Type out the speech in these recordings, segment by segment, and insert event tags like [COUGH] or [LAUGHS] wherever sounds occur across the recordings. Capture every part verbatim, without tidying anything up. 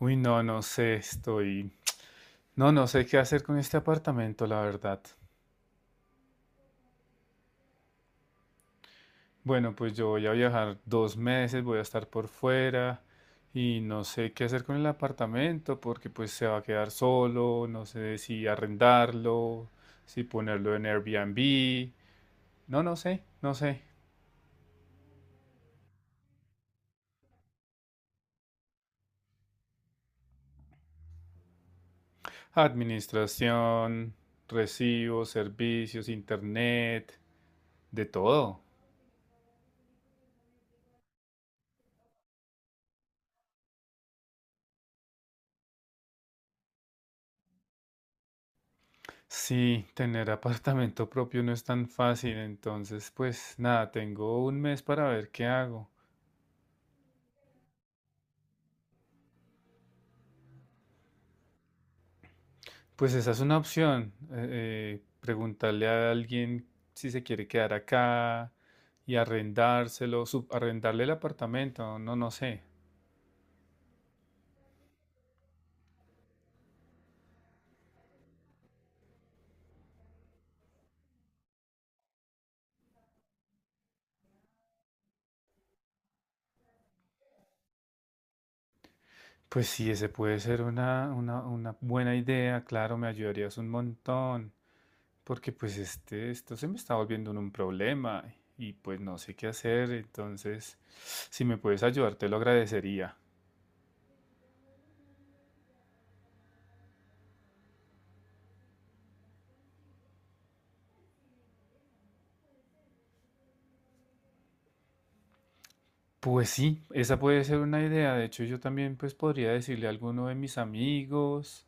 Uy, no, no sé, estoy... No, no sé qué hacer con este apartamento, la verdad. Bueno, pues yo voy a viajar dos meses, voy a estar por fuera y no sé qué hacer con el apartamento porque pues se va a quedar solo, no sé si arrendarlo, si ponerlo en Airbnb. No, no sé, no sé. Administración, recibos, servicios, internet, de todo. Sí, tener apartamento propio no es tan fácil, entonces pues nada, tengo un mes para ver qué hago. Pues esa es una opción, eh, eh, preguntarle a alguien si se quiere quedar acá y arrendárselo, subarrendarle el apartamento, no, no sé. Pues sí, ese puede ser una, una, una buena idea, claro, me ayudarías un montón. Porque pues este, esto se me está volviendo un un problema y pues no sé qué hacer, entonces si me puedes ayudar te lo agradecería. Pues sí, esa puede ser una idea. De hecho, yo también pues podría decirle a alguno de mis amigos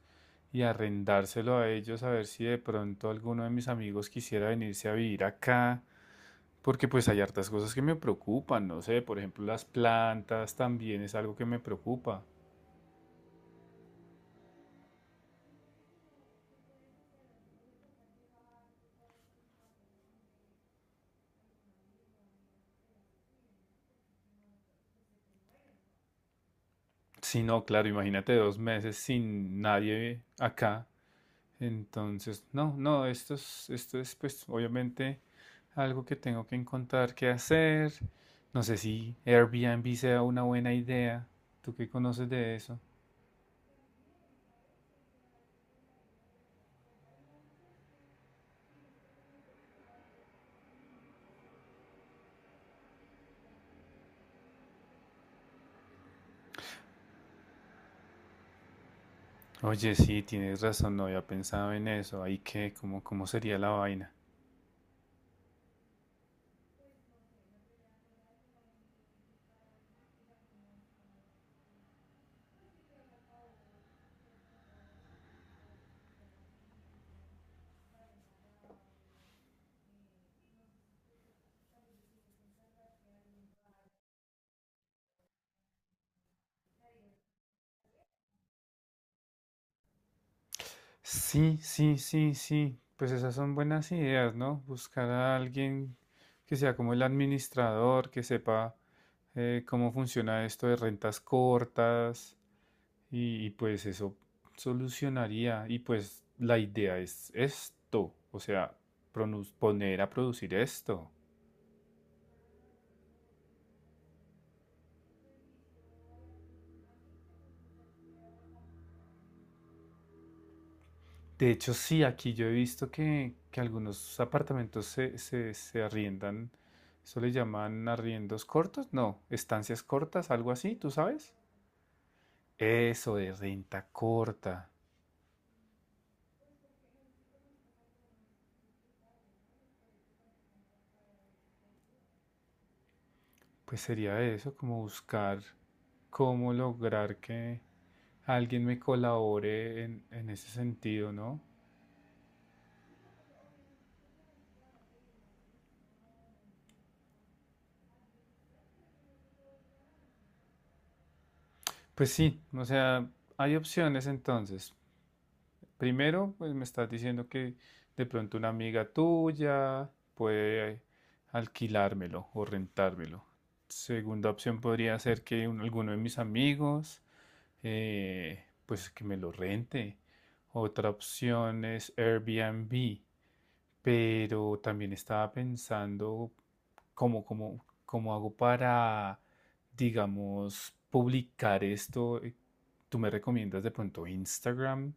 y arrendárselo a ellos a ver si de pronto alguno de mis amigos quisiera venirse a vivir acá. Porque pues hay hartas cosas que me preocupan, no sé, por ejemplo las plantas también es algo que me preocupa. Si no, claro, imagínate dos meses sin nadie acá. Entonces, no, no, esto es, esto es pues obviamente algo que tengo que encontrar qué hacer. No sé si Airbnb sea una buena idea. ¿Tú qué conoces de eso? Oye, sí, tienes razón, no había pensado en eso. Ahí qué, cómo, cómo sería la vaina. Sí, sí, sí, sí. Pues esas son buenas ideas, ¿no? Buscar a alguien que sea como el administrador, que sepa eh, cómo funciona esto de rentas cortas. Y, y pues eso solucionaría. Y pues la idea es esto, o sea, pronu- poner a producir esto. De hecho, sí, aquí yo he visto que, que algunos apartamentos se, se, se arriendan. Eso le llaman arriendos cortos, no, estancias cortas, algo así, ¿tú sabes? Eso de renta corta. Pues sería eso, como buscar cómo lograr que alguien me colabore en, en ese sentido, ¿no? Pues sí, o sea, hay opciones entonces. Primero, pues me estás diciendo que de pronto una amiga tuya puede alquilármelo o rentármelo. Segunda opción podría ser que un- alguno de mis amigos, eh, pues que me lo rente. Otra opción es Airbnb, pero también estaba pensando cómo, cómo, cómo hago para, digamos, publicar esto. Eh, ¿Tú me recomiendas de pronto Instagram?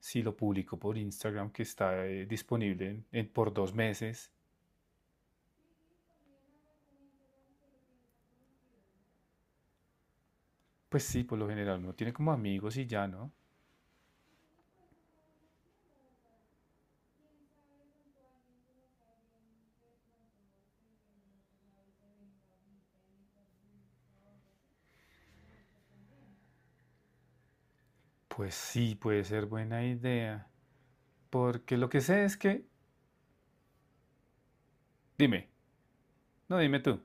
Si lo publico por Instagram, que está eh, disponible en- en- por dos meses. Pues sí, por lo general uno tiene como amigos y ya, ¿no? Pues sí, puede ser buena idea. Porque lo que sé es que... Dime, no, dime tú.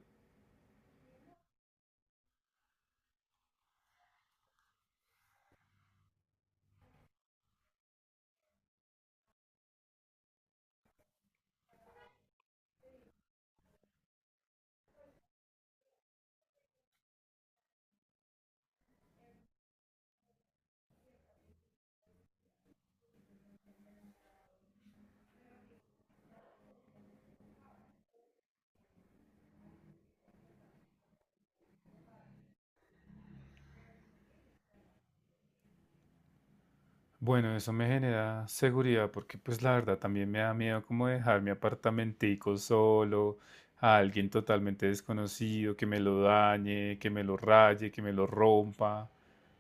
Bueno, eso me genera seguridad porque pues la verdad también me da miedo como dejar mi apartamentico solo a alguien totalmente desconocido, que me lo dañe, que me lo raye, que me lo rompa.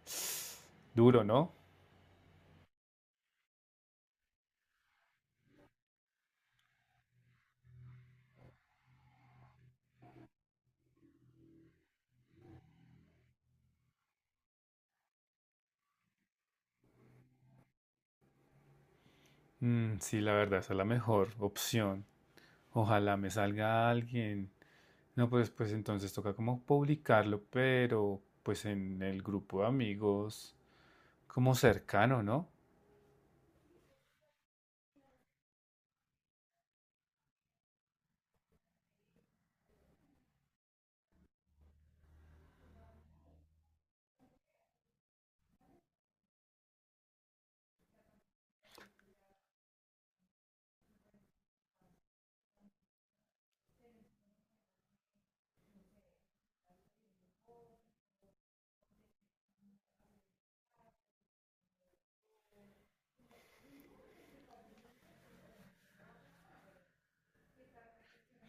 [SNIFFS] Duro, ¿no? Mm, sí, la verdad, esa es la mejor opción. Ojalá me salga alguien. No, pues, pues entonces toca como publicarlo, pero pues en el grupo de amigos, como cercano, ¿no?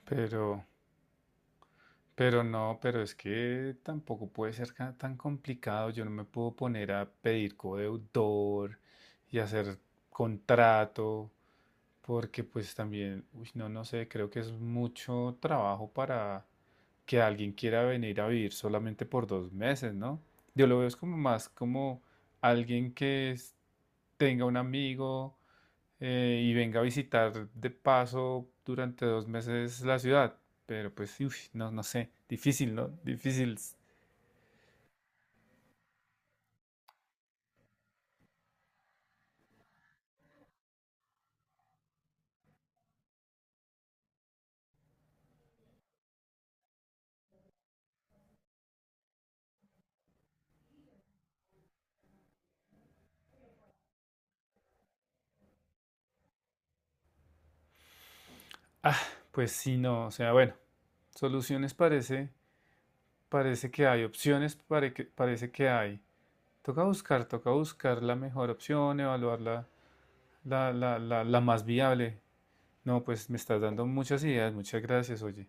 Pero... Pero no, pero es que tampoco puede ser ca- tan complicado. Yo no me puedo poner a pedir codeudor y hacer contrato, porque pues también, uy, no, no sé, creo que es mucho trabajo para que alguien quiera venir a vivir solamente por dos meses, ¿no? Yo lo veo es como más como alguien que es- tenga un amigo, eh, y venga a visitar de paso durante dos meses la ciudad. Pero pues, uf, no, no sé, difícil, ¿no? Difícil. Ah, pues sí, no, o sea, bueno, soluciones parece, parece que hay, opciones pare que- parece que hay. Toca buscar, toca buscar la mejor opción, evaluar la, la, la, la, la más viable. No, pues me estás dando muchas ideas, muchas gracias, oye.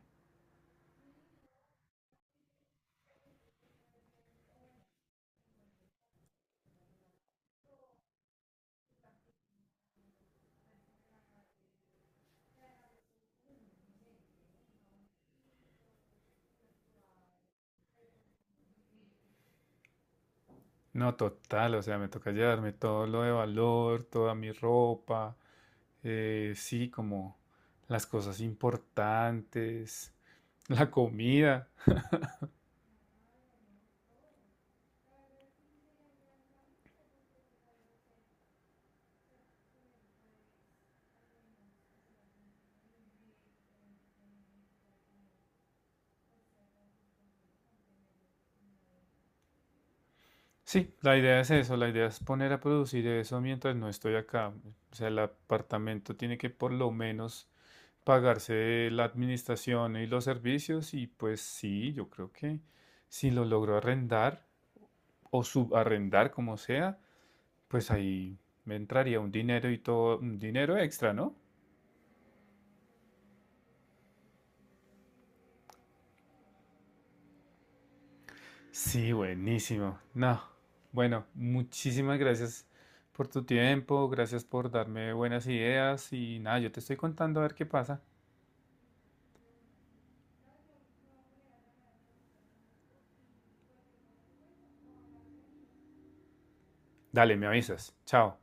No, total, o sea, me toca llevarme todo lo de valor, toda mi ropa, eh, sí, como las cosas importantes, [LAUGHS] la comida. Sí, la idea es eso, la idea es poner a producir eso mientras no estoy acá. O sea, el apartamento tiene que por lo menos pagarse la administración y los servicios y pues sí, yo creo que si lo logro arrendar o subarrendar como sea, pues ahí me entraría un dinero y todo, un dinero extra, ¿no? Sí, buenísimo. No, bueno, muchísimas gracias por tu tiempo, gracias por darme buenas ideas y nada, yo te estoy contando a ver qué pasa. Dale, me avisas. Chao.